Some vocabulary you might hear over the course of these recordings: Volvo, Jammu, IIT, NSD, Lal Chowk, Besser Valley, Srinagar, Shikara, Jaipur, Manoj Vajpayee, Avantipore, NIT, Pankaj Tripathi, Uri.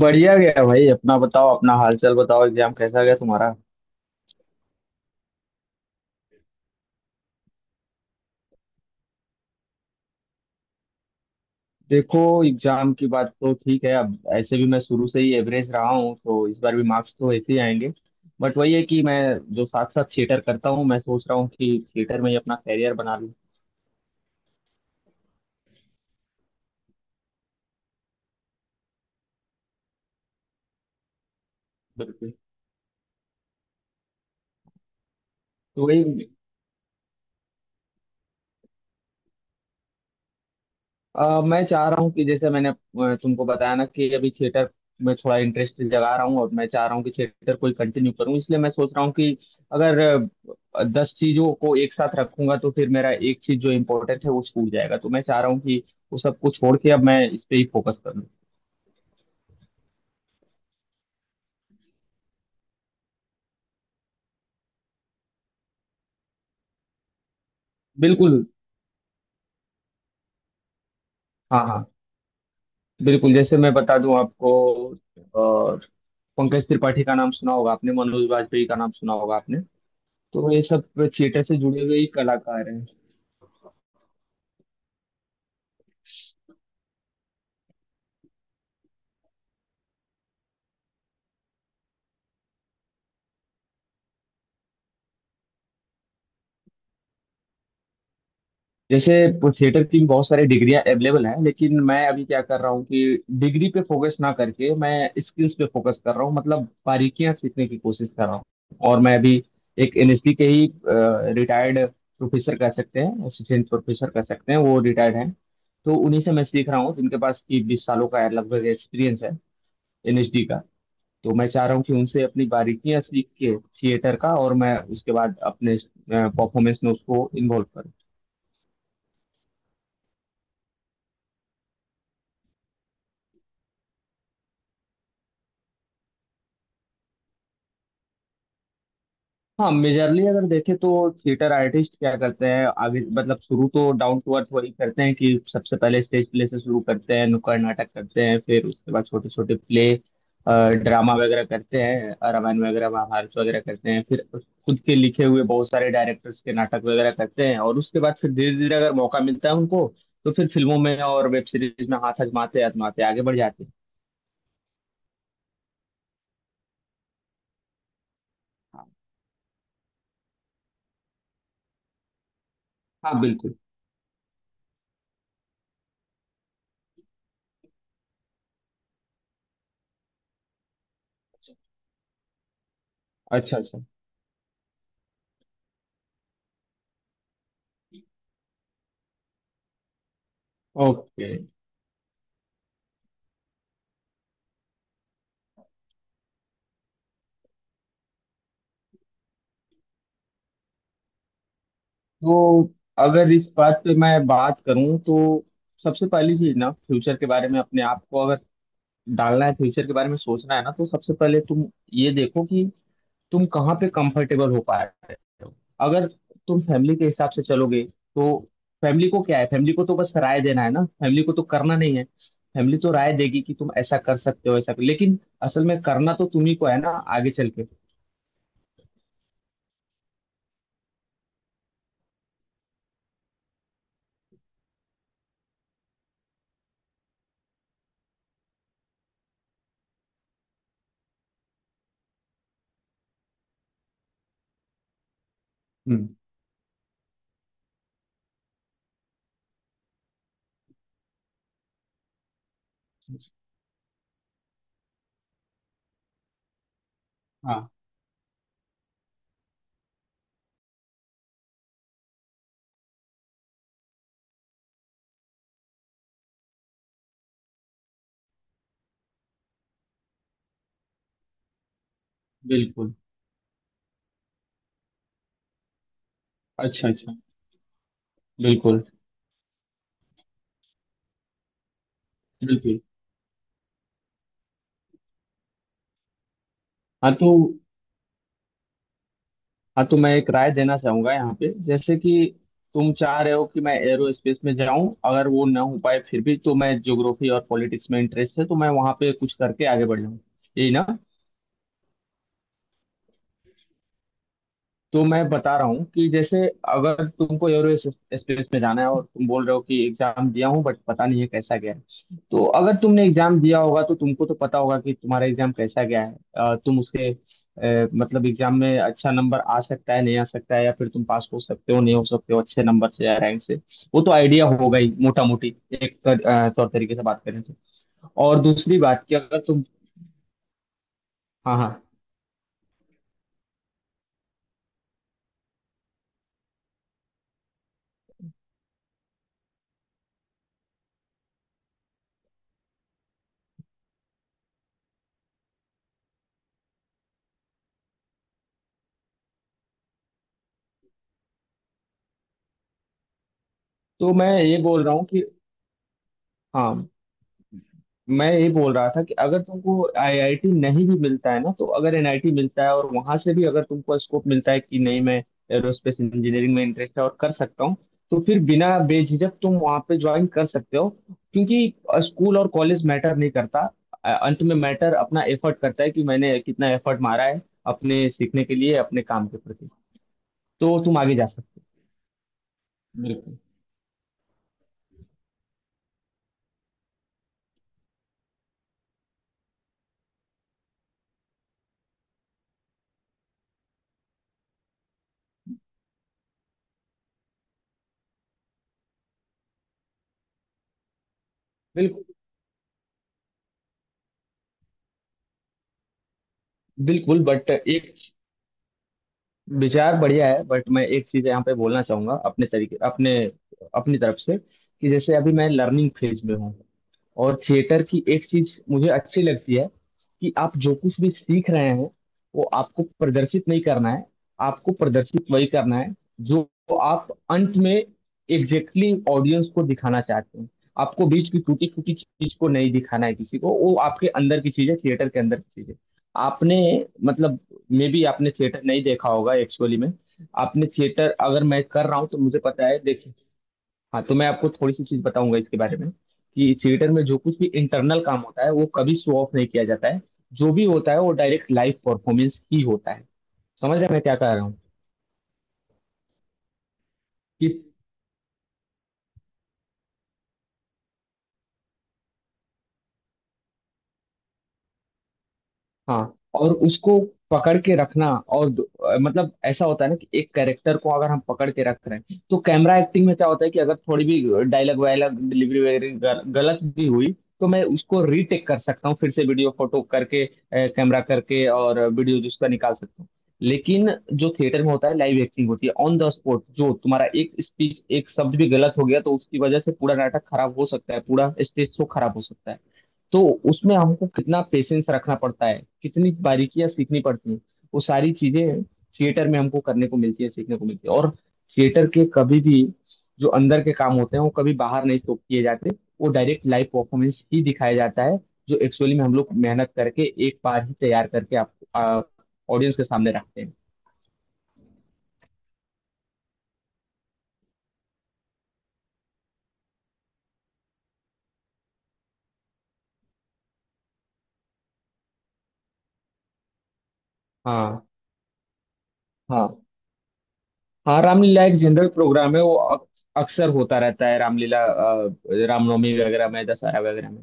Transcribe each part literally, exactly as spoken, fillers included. बढ़िया गया भाई। अपना बताओ अपना हालचाल बताओ। एग्जाम कैसा गया तुम्हारा? देखो, एग्जाम की बात तो ठीक है। अब ऐसे भी मैं शुरू से ही एवरेज रहा हूँ, तो इस बार भी मार्क्स तो ऐसे ही आएंगे। बट वही है कि मैं जो साथ साथ थिएटर करता हूँ, मैं सोच रहा हूँ कि थिएटर में ही अपना करियर बना लूँ। बिल्कुल। तो वही अ, मैं चाह रहा हूँ कि जैसे मैंने अ, तुमको बताया ना कि अभी थिएटर में थोड़ा इंटरेस्ट जगा रहा हूँ और मैं चाह रहा हूँ कि थिएटर को कंटिन्यू करूँ, इसलिए मैं सोच रहा हूँ कि अगर अ, दस चीजों को एक साथ रखूंगा तो फिर मेरा एक चीज जो इम्पोर्टेंट है वो छूट जाएगा। तो मैं चाह रहा हूँ कि वो सब कुछ छोड़ के अब मैं इस पे ही फोकस करूँ। बिल्कुल। हाँ, हाँ। बिल्कुल, जैसे मैं बता दूं आपको, अ, पंकज त्रिपाठी का नाम सुना होगा आपने, मनोज वाजपेयी का नाम सुना होगा आपने। तो ये सब थिएटर से जुड़े हुए ही कलाकार हैं। जैसे थिएटर की भी बहुत सारी डिग्रियां अवेलेबल हैं, लेकिन मैं अभी क्या कर रहा हूँ कि डिग्री पे फोकस ना करके मैं स्किल्स पे फोकस कर रहा हूँ, मतलब बारीकियां सीखने की कोशिश कर रहा हूँ। और मैं अभी एक एन एस डी के ही रिटायर्ड प्रोफेसर कह सकते हैं, असिस्टेंट प्रोफेसर कह सकते हैं, वो रिटायर्ड हैं। तो उन्हीं से मैं सीख रहा हूँ, जिनके पास की बीस सालों का लगभग एक्सपीरियंस है एन एस डी का। तो मैं चाह रहा हूँ कि उनसे अपनी बारीकियां सीख के थिएटर का, और मैं उसके बाद अपने परफॉर्मेंस में उसको इन्वॉल्व करूँ। हाँ, मेजरली अगर देखें तो थिएटर आर्टिस्ट क्या करते हैं अभी, मतलब शुरू तो डाउन टू अर्थ वही करते हैं कि सबसे पहले स्टेज प्ले से शुरू करते हैं, नुक्कड़ नाटक करते हैं, फिर उसके बाद छोटे छोटे प्ले ड्रामा वगैरह करते हैं, अ, रामायण वगैरह महाभारत वगैरह करते हैं, फिर खुद के लिखे हुए बहुत सारे डायरेक्टर्स के नाटक वगैरह करते हैं। और उसके बाद फिर धीरे धीरे अगर मौका मिलता है उनको, तो फिर फिल्मों में और वेब सीरीज में हाथ आजमाते आजमाते आगे बढ़ जाते हैं। हाँ, हाँ। बिल्कुल। अच्छा, अच्छा, अच्छा। ओके। तो अगर इस बात पे मैं बात करूं तो सबसे पहली चीज ना, फ्यूचर के बारे में अपने आप को अगर डालना है, फ्यूचर के बारे में सोचना है ना, तो सबसे पहले तुम ये देखो कि तुम कहाँ पे कंफर्टेबल हो पा रहे हो। अगर तुम फैमिली के हिसाब से चलोगे, तो फैमिली को क्या है, फैमिली को तो बस राय देना है ना, फैमिली को तो करना नहीं है। फैमिली तो राय देगी कि तुम ऐसा कर सकते हो, ऐसा कर, लेकिन असल में करना तो तुम्ही को है ना आगे चल के। हम्म। हाँ, बिल्कुल। अच्छा, अच्छा। बिल्कुल, बिल्कुल। हाँ तो हाँ, तो मैं एक राय देना चाहूंगा यहाँ पे जैसे कि तुम चाह रहे हो कि मैं एरोस्पेस में जाऊं। अगर वो ना हो पाए फिर भी तो मैं ज्योग्राफी और पॉलिटिक्स में इंटरेस्ट है, तो मैं वहां पे कुछ करके आगे बढ़ जाऊँ, यही ना? तो मैं बता रहा हूँ कि जैसे अगर तुमको एरो स्पेस में जाना है और तुम बोल रहे हो कि एग्जाम दिया हूँ बट पता नहीं है कैसा गया है। तो अगर तुमने एग्जाम दिया होगा तो तुमको तो पता होगा कि तुम्हारा एग्जाम कैसा गया है। अ, तुम उसके अ, मतलब एग्जाम में अच्छा नंबर आ सकता है, नहीं आ सकता है, या फिर तुम पास हो सकते हो, नहीं हो सकते हो, अच्छे नंबर से या रैंक से। वो तो आइडिया होगा ही मोटा मोटी, एक तर, अ, तौर तरीके से बात करें तो। और दूसरी बात कि अगर तुम हाँ, हाँ। तो मैं ये बोल रहा हूँ कि हाँ, मैं ये बोल रहा था कि अगर तुमको आई आई टी नहीं भी मिलता है ना, तो अगर एन आई टी मिलता है और वहां से भी अगर तुमको स्कोप मिलता है कि नहीं, मैं एरोस्पेस इंजीनियरिंग में इंटरेस्ट है और कर सकता हूँ, तो फिर बिना बेझिझक तुम वहां पे ज्वाइन कर सकते हो। क्योंकि स्कूल और कॉलेज मैटर नहीं करता, अ, अंत में मैटर अपना एफर्ट करता है कि मैंने कितना एफर्ट मारा है अपने सीखने के लिए, अपने काम के प्रति। तो तुम आगे जा सकते हो बिल्कुल। बिल्कुल। बिल्कुल, बट एक विचार बढ़िया है, बट मैं एक चीज यहाँ पे बोलना चाहूंगा, अपने तरीके, अपने अपनी तरफ से, कि जैसे अभी मैं लर्निंग फेज में हूँ, और थिएटर की एक चीज मुझे अच्छी लगती है कि आप जो कुछ भी सीख रहे हैं वो आपको प्रदर्शित नहीं करना है, आपको प्रदर्शित वही करना है जो आप अंत में एग्जैक्टली exactly ऑडियंस को दिखाना चाहते हैं। आपको बीच की टूटी फूटी चीज को नहीं दिखाना है किसी को, वो आपके अंदर की चीज है, थिएटर के अंदर की चीज है। आपने मतलब मे भी आपने थिएटर नहीं देखा होगा एक्चुअली में, आपने थिएटर, अगर मैं कर रहा हूँ तो मुझे पता है, देखिए। हाँ, तो मैं आपको थोड़ी सी चीज बताऊंगा इसके बारे में कि थिएटर में जो कुछ भी इंटरनल काम होता है वो कभी शो ऑफ नहीं किया जाता है। जो भी होता है वो डायरेक्ट लाइव परफॉर्मेंस ही होता है। समझ रहे हैं मैं क्या कह रहा हूँ? कि हाँ। और उसको पकड़ के रखना, और दो- अ, मतलब ऐसा होता है ना कि एक कैरेक्टर को अगर हम पकड़ के रख रहे हैं, तो कैमरा एक्टिंग में क्या होता है कि अगर थोड़ी भी डायलॉग वायलॉग डिलीवरी वगैरह गल- गलत भी हुई, तो मैं उसको रीटेक कर सकता हूँ फिर से वीडियो फोटो करके, कैमरा करके, और वीडियो जिसका निकाल सकता हूँ। लेकिन जो थिएटर में होता है लाइव एक्टिंग होती है ऑन द स्पॉट, जो तुम्हारा एक स्पीच एक शब्द भी गलत हो गया तो उसकी वजह से पूरा नाटक खराब हो सकता है, पूरा स्टेज शो खराब हो सकता है। तो उसमें हमको कितना पेशेंस रखना पड़ता है, कितनी बारीकियां सीखनी पड़ती हैं, वो सारी चीजें थिएटर में हमको करने को मिलती है, सीखने को मिलती है। और थिएटर के कभी भी जो अंदर के काम होते हैं वो कभी बाहर नहीं शो किए जाते, वो डायरेक्ट लाइव परफॉर्मेंस ही दिखाया जाता है, जो एक्चुअली में हम लोग मेहनत करके एक बार ही तैयार करके आप ऑडियंस के सामने रखते हैं। हाँ, हाँ। हाँ, रामलीला एक जनरल प्रोग्राम है, वो अक्स- अक्सर होता रहता है, रामलीला अ, रामनवमी वगैरह में, दशहरा वगैरह में।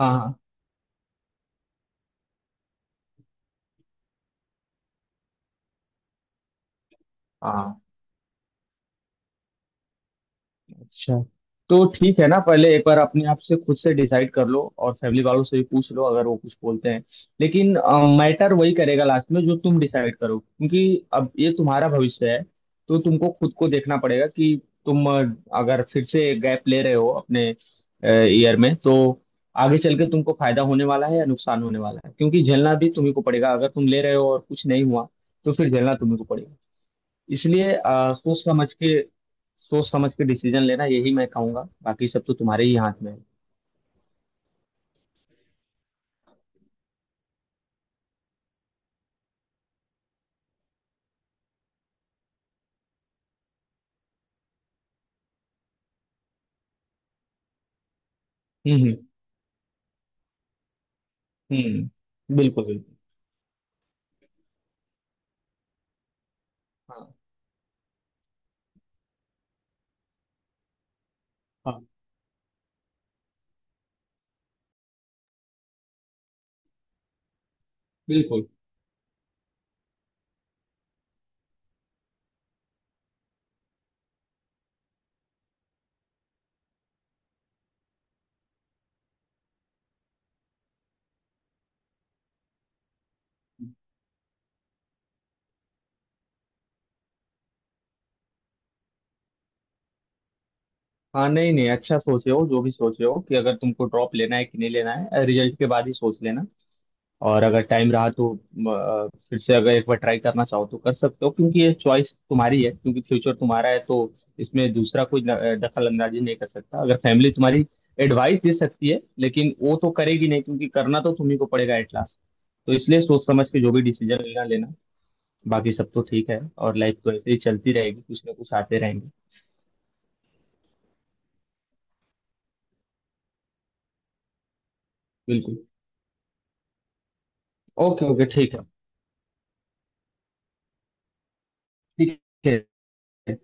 हाँ, हाँ। अच्छा, तो ठीक है ना, पहले एक बार अपने आप से खुद से डिसाइड कर लो, और फैमिली वालों से भी पूछ लो अगर वो कुछ बोलते हैं। लेकिन मैटर वही करेगा लास्ट में, जो तुम डिसाइड करो। क्योंकि अब ये तुम्हारा भविष्य है, तो तुमको खुद को देखना पड़ेगा कि तुम अ, अगर फिर से गैप ले रहे हो अपने ईयर में, तो आगे चल के तुमको फायदा होने वाला है या नुकसान होने वाला है, क्योंकि झेलना भी तुम्ही को पड़ेगा। अगर तुम ले रहे हो और कुछ नहीं हुआ, तो फिर झेलना तुम्ही को पड़ेगा। इसलिए आ, सोच समझ के, सोच समझ के डिसीजन लेना, यही मैं कहूंगा। बाकी सब तो तुम्हारे ही हाथ में है। हम्म। हम्म। हम्म, बिल्कुल, बिल्कुल। हाँ, हाँ। बिल्कुल। हाँ, नहीं, नहीं, अच्छा सोचे हो, जो भी सोचे हो, कि अगर तुमको ड्रॉप लेना है कि नहीं लेना है, रिजल्ट के बाद ही सोच लेना। और अगर टाइम रहा तो अ, फिर से अगर एक बार ट्राई करना चाहो तो कर सकते हो, क्योंकि ये चॉइस तुम्हारी है, क्योंकि फ्यूचर तुम्हारा है। तो इसमें दूसरा कोई न- अ, दखल अंदाजी नहीं कर सकता, अगर फैमिली तुम्हारी एडवाइस दे सकती है लेकिन वो तो करेगी नहीं, क्योंकि करना तो तुम्ही को पड़ेगा एट लास्ट। तो इसलिए सोच समझ के जो भी डिसीजन लेना लेना। बाकी सब तो ठीक है और लाइफ तो ऐसे ही चलती रहेगी, कुछ ना कुछ आते रहेंगे। बिल्कुल। Okay, okay. ठीक है। ठीक है।